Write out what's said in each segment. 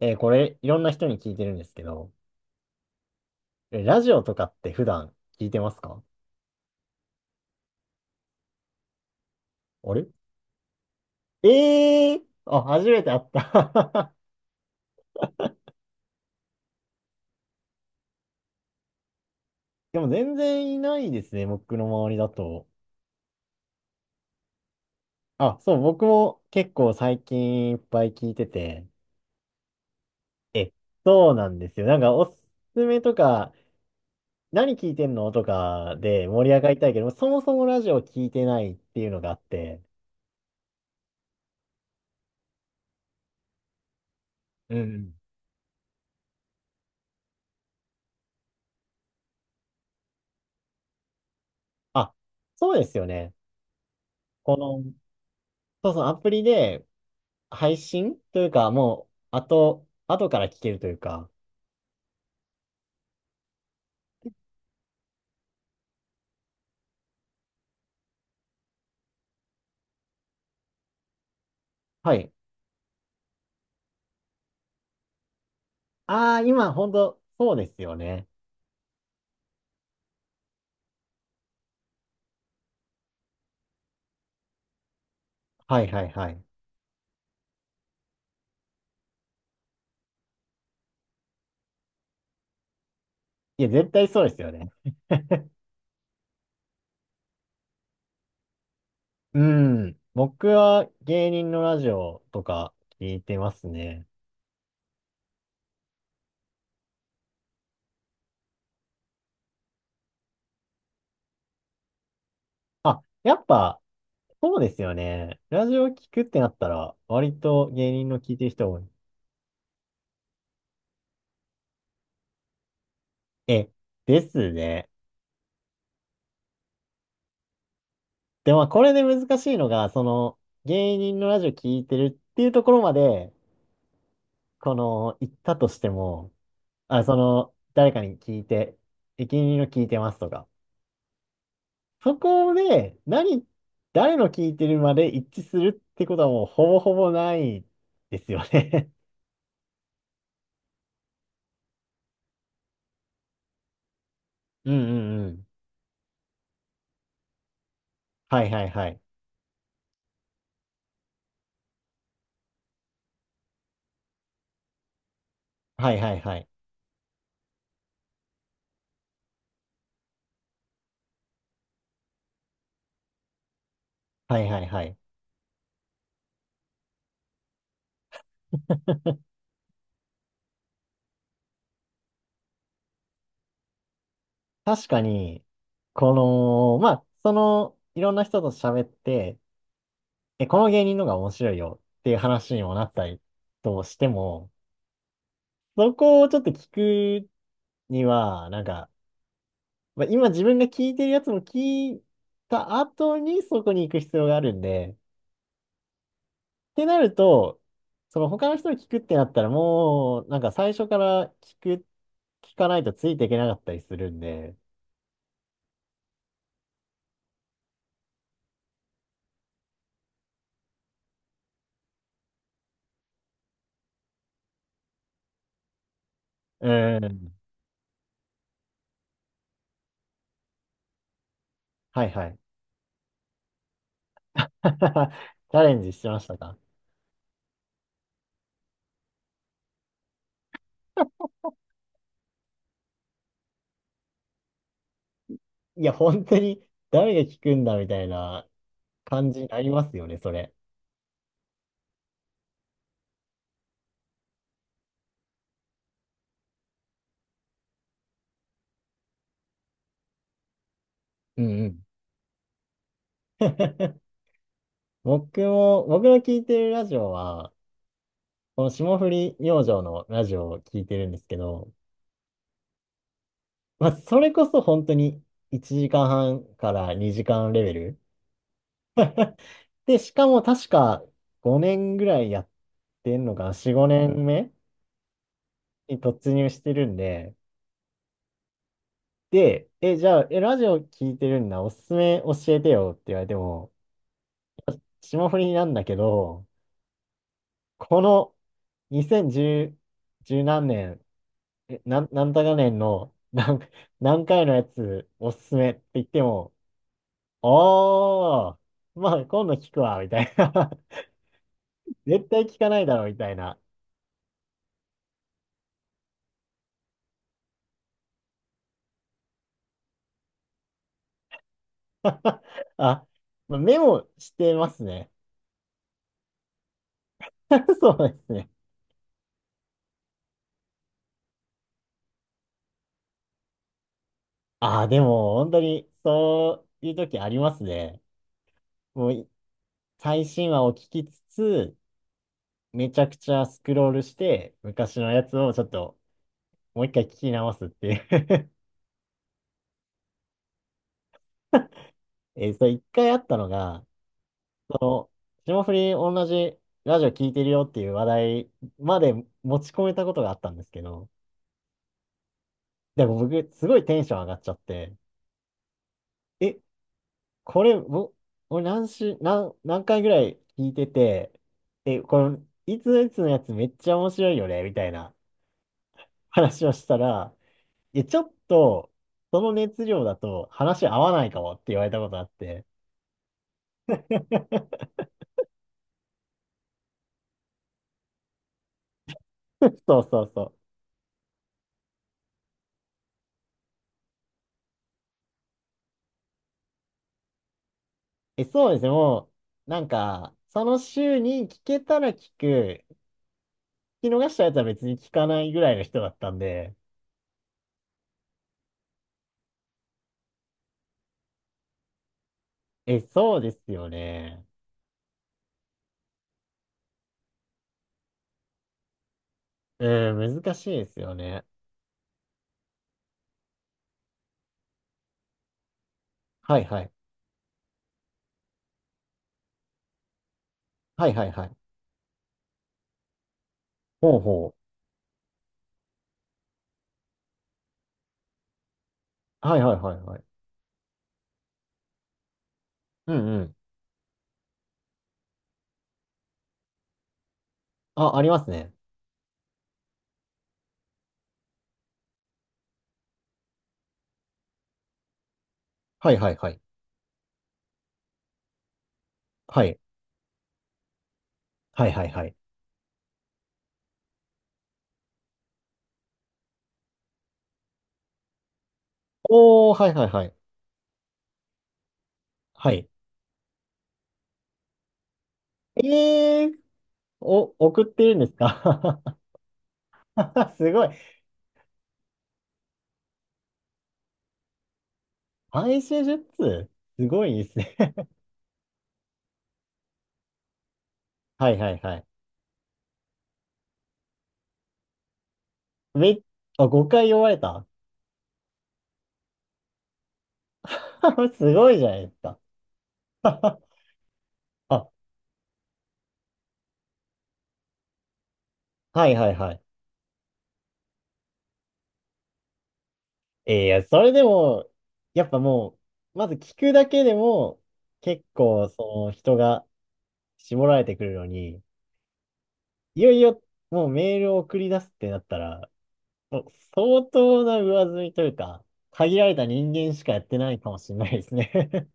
これ、いろんな人に聞いてるんですけど、ラジオとかって普段聞いてますか？あれ？ええー、あ、初めて会った。でも全然いないですね、僕の周りだと。あ、そう、僕も結構最近いっぱい聞いてて。え、そうなんですよ。なんかおすすめとか、何聞いてんのとかで盛り上がりたいけど、そもそもラジオ聞いてないっていうのがあって。うんうん。あ、そうですよね。この、そうそう、アプリで、配信というか、もう、後から聞けるというか。はい。ああ、今、本当そうですよね。はいはいはい。いや、絶対そうですよね。うん。僕は芸人のラジオとか聞いてますね。あ、やっぱ、そうですよね。ラジオ聞くってなったら、割と芸人の聞いてる人多い。え、ですね。でも、これで難しいのが、その、芸人のラジオ聞いてるっていうところまで、この、行ったとしても、あ、その、誰かに聞いて、駅員の聞いてますとか。そこで、誰の聞いてるまで一致するってことはもうほぼほぼないですよね。 うんうんうん。はいはいはい。はいはいはい。はいはいはい。確かに、この、まあ、その、いろんな人と喋って、この芸人のが面白いよっていう話にもなったりとしても、そこをちょっと聞くには、なんか、まあ、今自分が聞いてるやつも聞いた後にそこに行く必要があるんで、ってなると、その他の人に聞くってなったらもう、なんか最初から聞く、聞かないとついていけなかったりするんで、うん、はいはい。チャレンジしてましたか？いや、本当に誰が聞くんだみたいな感じになりますよね、それ。うんうん。僕の聞いてるラジオは、この霜降り明星のラジオを聞いてるんですけど、まあ、それこそ本当に1時間半から2時間レベル。で、しかも確か5年ぐらいやってんのかな、4、5年目に突入してるんで、で、じゃあ、ラジオ聞いてるんだ、おすすめ教えてよって言われても、霜降りなんだけど、この2010、じゅう何年、なんたか年の何回のやつおすすめって言っても、ああ、まあ今度聞くわ、みたいな。絶対聞かないだろう、みたいな。あ、まあメモしてますね。そうですね。あ、でも、本当に、そういう時ありますね。もう、最新話を聞きつつ、めちゃくちゃスクロールして、昔のやつをちょっと、もう一回聞き直すっていう。 それ一回あったのが、霜降り同じラジオ聞いてるよっていう話題まで持ち込めたことがあったんですけど、でも僕、すごいテンション上がっちゃって、え、これ、俺何し、何、何回ぐらい聞いてて、この、いついつのやつめっちゃ面白いよね、みたいな話をしたら、ちょっと、その熱量だと話合わないかもって言われたことあって。そうそうそう。そうですね、もう、なんか、その週に聞けたら聞く、聞き逃したやつは別に聞かないぐらいの人だったんで、そうですよね。うん、難しいですよね。はいはい。はいはいはい。ほうほう。はいはいはいはい。うんうん。あ、ありますね。はいはいはい。はい。はいはいはい。おー、はいはいはい。はい。えー、送ってるんですか？ すごい。配信術すごいですね。はいはいはい。め、あ、5回読まれた。すごいじゃないですか。あ、はいはいはい。いや、それでも、やっぱもう、まず聞くだけでも、結構、その人が絞られてくるのに、いよいよ、もうメールを送り出すってなったら、もう相当な上積みというか、限られた人間しかやってないかもしれないですね。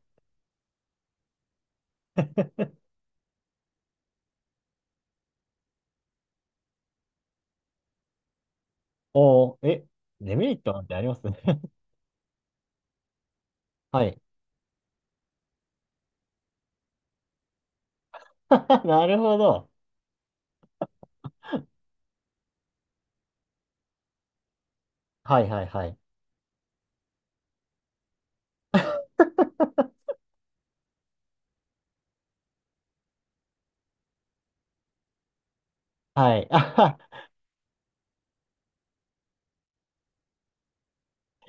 おー、デメリットなんてあります？ はい。なるほど。はいはいはい。はい。あは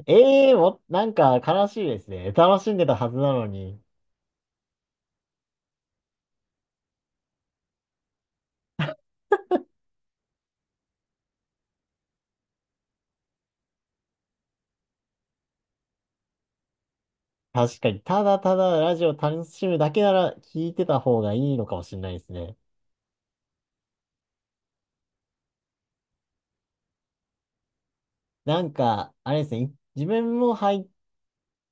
ええー、なんか悲しいですね。楽しんでたはずなのに。確かに、ただただラジオ楽しむだけなら聞いてた方がいいのかもしれないですね。なんか、あれですね。自分も拝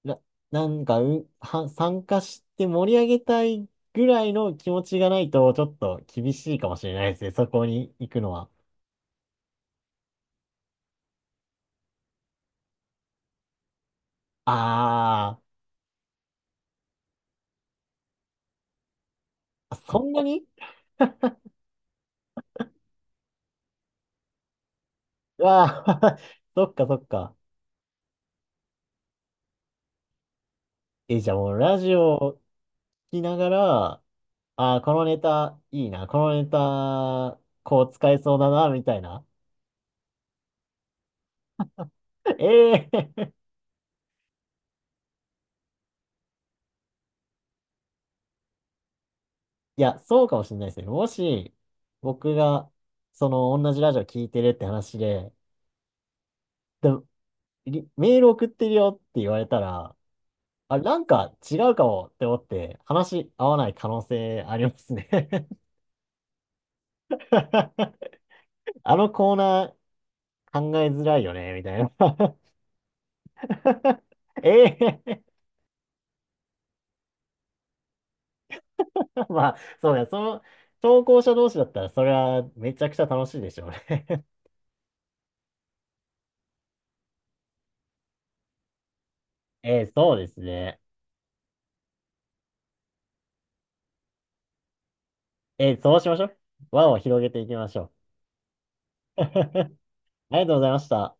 な、なんか、参加して盛り上げたいぐらいの気持ちがないと、ちょっと厳しいかもしれないですね。そこに行くのは。あー、そんなに。わあ、そっかそっか。じゃあもうラジオを聞きながら、このネタいいな、このネタ、こう使えそうだな、みたいな。ええー。 いや、そうかもしれないですね。もし、僕が、その、同じラジオ聞いてるって話で、でリメール送ってるよって言われたら、あ、なんか違うかもって思って話合わない可能性ありますね。 あのコーナー考えづらいよね、みたいな。 ええ。 まあ、そうだ、その、投稿者同士だったら、それはめちゃくちゃ楽しいでしょうね。 ええ、そうですね。ええ、そうしましょう。輪を広げていきましょう。 ありがとうございました。